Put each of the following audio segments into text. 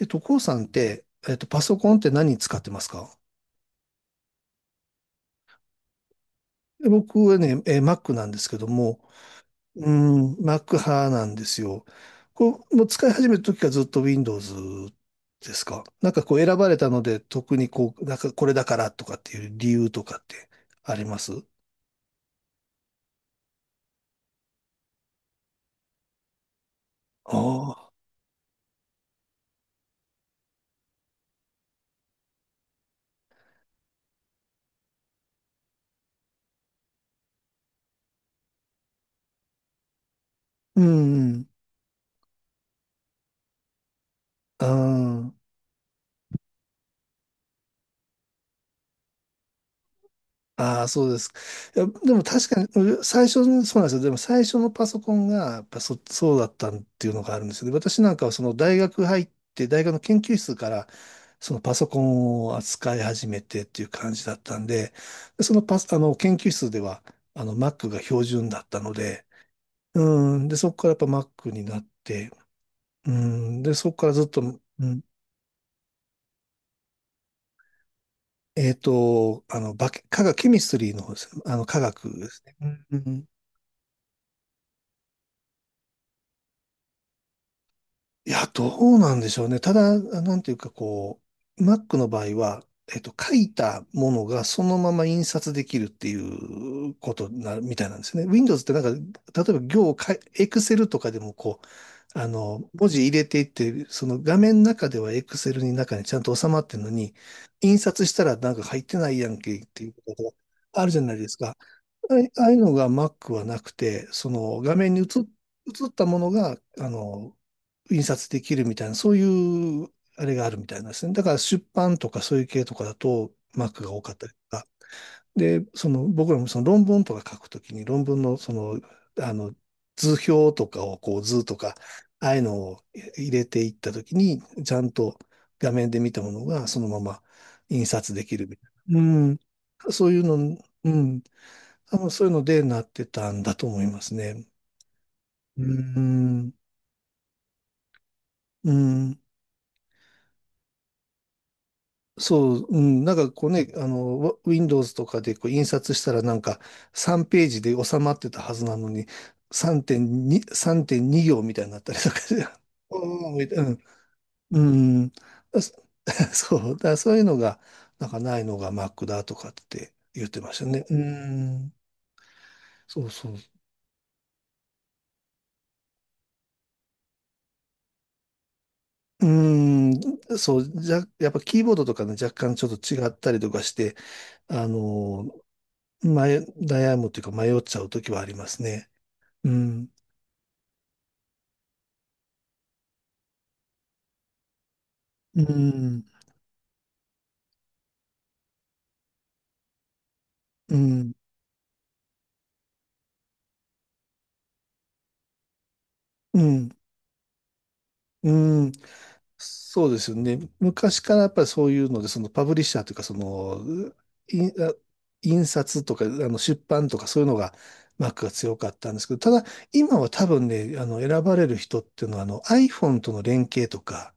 こうさんって、パソコンって何使ってますか？で僕はね、Mac なんですけども、うーん、Mac 派なんですよ。こう、もう使い始めた時からずっと Windows ですか、なんかこう選ばれたので、特にこう、なんかこれだからとかっていう理由とかってあります？ああー、うん、うん、あ。ああ、そうです。いや、でも確かに、最初に、そうなんですよ。でも最初のパソコンが、やっぱそうだったっていうのがあるんですよね。私なんかはその大学入って、大学の研究室から、そのパソコンを扱い始めてっていう感じだったんで、でそのパス、あの、研究室では、Mac が標準だったので、うん、で、そこからやっぱ Mac になって、うん、で、そこからずっと、うん、化学、化学、ケミストリーの方です。化学ですね。うん。いや、どうなんでしょうね。ただ、なんていうかこう、Mac の場合は、書いたものがそのまま印刷できるっていうことな、みたいなんですね。Windows ってなんか、例えば行をかい、Excel とかでもこう、文字入れていって、その画面の中では Excel に中にちゃんと収まってるのに、印刷したらなんか入ってないやんけっていうことがあるじゃないですか。ああいうのが Mac はなくて、その画面に映ったものが、印刷できるみたいな、そういう、あれがあるみたいなんですね。だから出版とかそういう系とかだと Mac が多かったりとか。で、その僕らもその論文とか書くときに、論文のその、あの、図表とかをこう図とか、ああいうのを入れていったときに、ちゃんと画面で見たものがそのまま印刷できるみたいな。うん。そういうの、うん、多分そういうのでなってたんだと思いますね。ううん。うん、そう、うん、なんかこうね、Windows とかでこう印刷したらなんか3ページで収まってたはずなのに、3.2行みたいになったりとかして、おーみたいな、うん、うん、あそ そう、だからそういうのが、なんかないのが Mac だとかって言ってましたね。うん、そうそう。うーん、そう、じゃ、やっぱキーボードとかね、若干ちょっと違ったりとかして、あの、悩むというか迷っちゃうときはありますね。うん。うん。うん。うん。うん。そうですよね。昔からやっぱりそういうので、そのパブリッシャーというか、その、いあ印刷とか、出版とかそういうのが、マックが強かったんですけど、ただ、今は多分ね、選ばれる人っていうのは、iPhone との連携とか、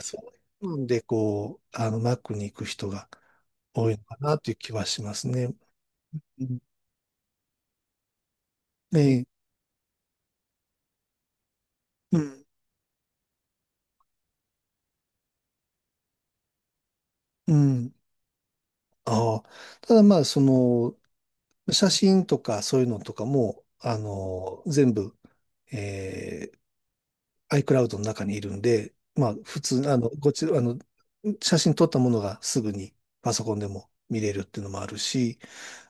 そういうので、こう、Mac に行く人が多いのかなという気はしますね。うん、ええ、うん、うん。ああ。ただまあ、その、写真とかそういうのとかも、全部、えiCloud の中にいるんで、まあ、普通、こちら、写真撮ったものがすぐにパソコンでも見れるっていうのもあるし、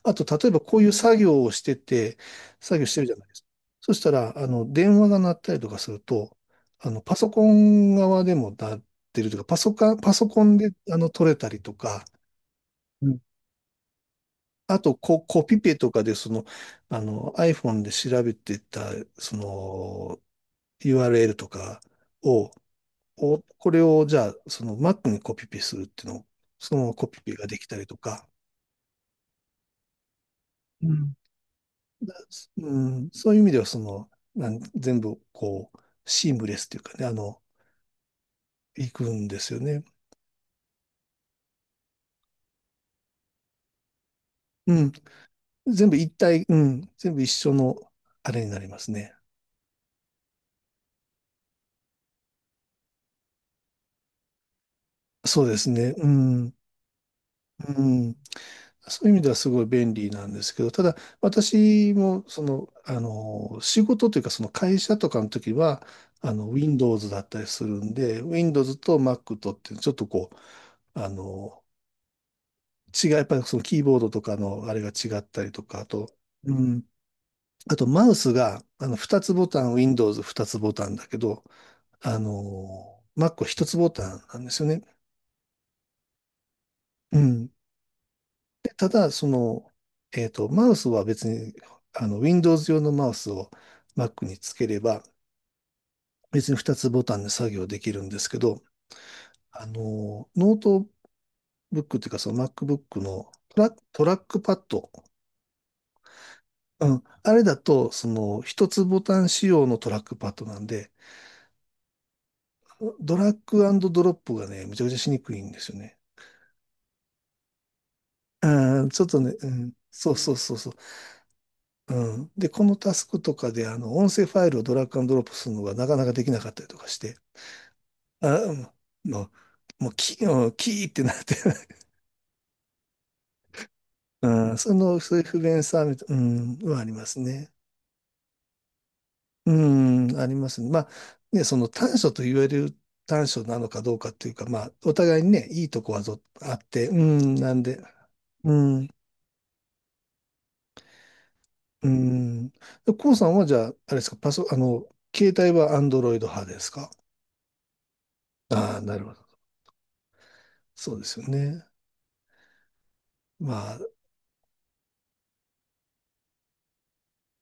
あと、例えばこういう作業をしてて、作業してるじゃないですか。そしたら、電話が鳴ったりとかすると、パソコン側でも鳴ってるとか、パソコンで、撮れたりとか、あとコピペとかで、その、iPhone で調べてた、その、URL とかを、これを、じゃあ、その Mac にコピペするっていうのを、そのままコピペができたりとか、うん。だうん、そういう意味では、その、全部、こう、シームレスっていうかね、いくんですよね。うん。全部一体、うん。全部一緒の、あれになりますね。そうですね。うん。うん。そういう意味ではすごい便利なんですけど、ただ私もその、仕事というかその会社とかの時は、Windows だったりするんで、Windows と Mac とってちょっとこう、あの、やっぱりそのキーボードとかのあれが違ったりとか、あと、うん、あとマウスが、2つボタン、Windows2 つボタンだけど、Mac は1つボタンなんですよね。うん。で、ただ、その、マウスは別に、Windows 用のマウスを Mac につければ、別に2つボタンで作業できるんですけど、ノートブックっていうか、その MacBook のトラックパッド、うん、あれだと、その、1つボタン仕様のトラックパッドなんで、ドラッグドロップがね、めちゃくちゃしにくいんですよね。うん、ちょっとね、うん、そうそうそうそう。うん。で、このタスクとかで、音声ファイルをドラッグアンドドロップするのがなかなかできなかったりとかして、あ、うんももう、キー、うんキーってなって うん、その、そういう不便さみたい、うん、はありますね。うん、ありますね。まあ、ね、その短所と言われる短所なのかどうかっていうか、まあ、お互いにね、いいとこはぞあって、うん、なんで、うん、うん。で、コウさんはじゃあ、あれですか、携帯はアンドロイド派ですか？ああー、なるほど。そうですよね。まあ、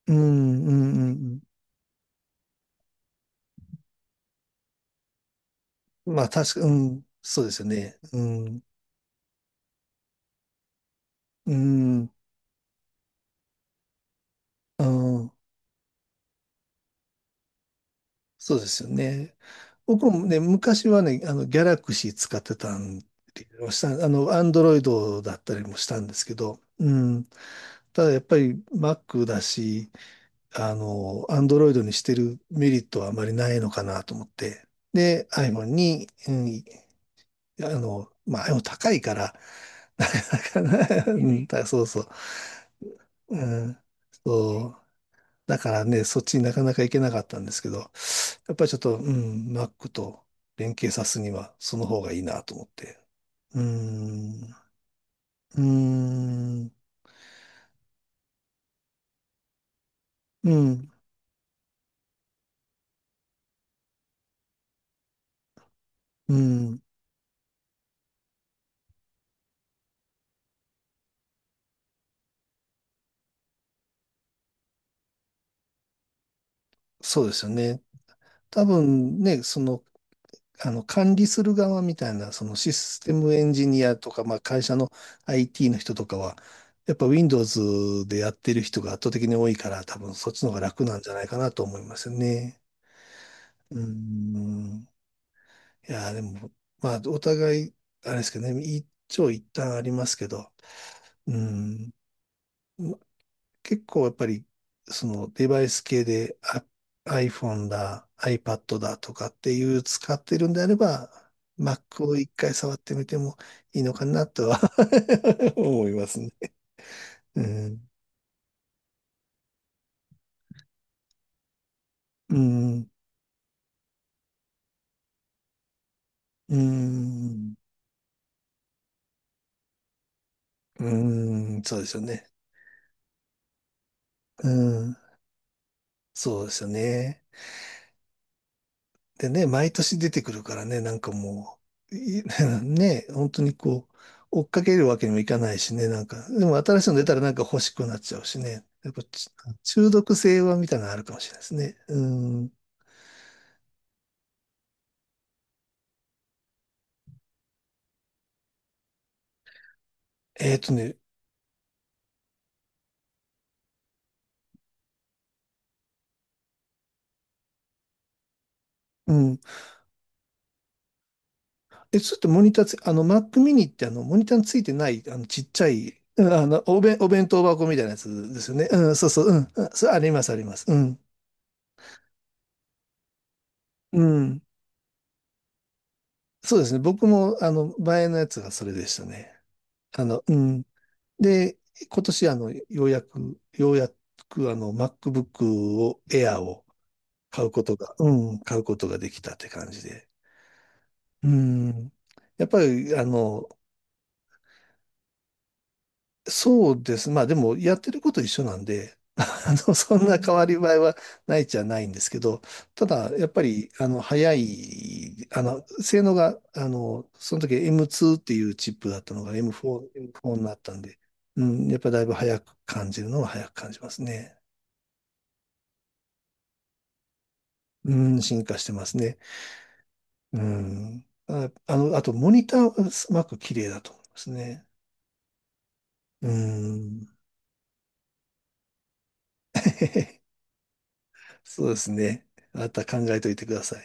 うん、うん、うん、うん。まあ、確か、うん、そうですよね。うん、うん、うん、そうですよね。僕もね、昔はね、ギャラクシー使ってたんでしたアンドロイドだったりもしたんですけど、うん。ただやっぱり Mac だし、アンドロイドにしてるメリットはあまりないのかなと思って、で、iPhone に、うん、まあ、でも高いから、なかなかな、うん、そうそう。うん、そう。だからね、そっちになかなか行けなかったんですけど、やっぱりちょっと、うん、Mac と連携さすには、その方がいいなと思って。うん、うん、うん、うん、そうですよね。多分ね、その管理する側みたいな、そのシステムエンジニアとか、まあ会社の IT の人とかは、やっぱ Windows でやってる人が圧倒的に多いから、多分そっちの方が楽なんじゃないかなと思いますよね。うーん。いやー、でも、まあ、お互い、あれですけどね、一長一短ありますけど、うーん。結構やっぱり、そのデバイス系でiPhone だ、iPad だとかっていう使ってるんであれば、Mac を一回触ってみてもいいのかなとは 思いますね。うん。うん。うん。うん。そうですよね。うん。そうですよね。でね、毎年出てくるからね、なんかもう、い ね、本当にこう、追っかけるわけにもいかないしね、なんか、でも新しいの出たらなんか欲しくなっちゃうしね、やっぱち中毒性はみたいなのあるかもしれないですね。うん。えっとね、うん。ちょっとモニターつ、あの、Mac mini ってモニターについてない、ちっちゃい、うん、お弁当箱みたいなやつですよね。うん、そうそう、うん。それあります、あります。うん。うん。そうですね。僕も、前のやつがそれでしたね。うん。で、今年ようやくMacBook を、Air を買うことが、うん、買うことができたって感じで。うん。やっぱり、そうです。まあでも、やってること一緒なんで、そんな変わり映えはないじゃないんですけど、ただ、やっぱり、早い、性能が、その時 M2 っていうチップだったのが M4、エムフォーになったんで、うん、やっぱだいぶ早く感じるのは早く感じますね。うん、進化してますね。うん。あ、あと、モニターはすごく綺麗だと思いますね。うん。そうですね。あなた考えといてください。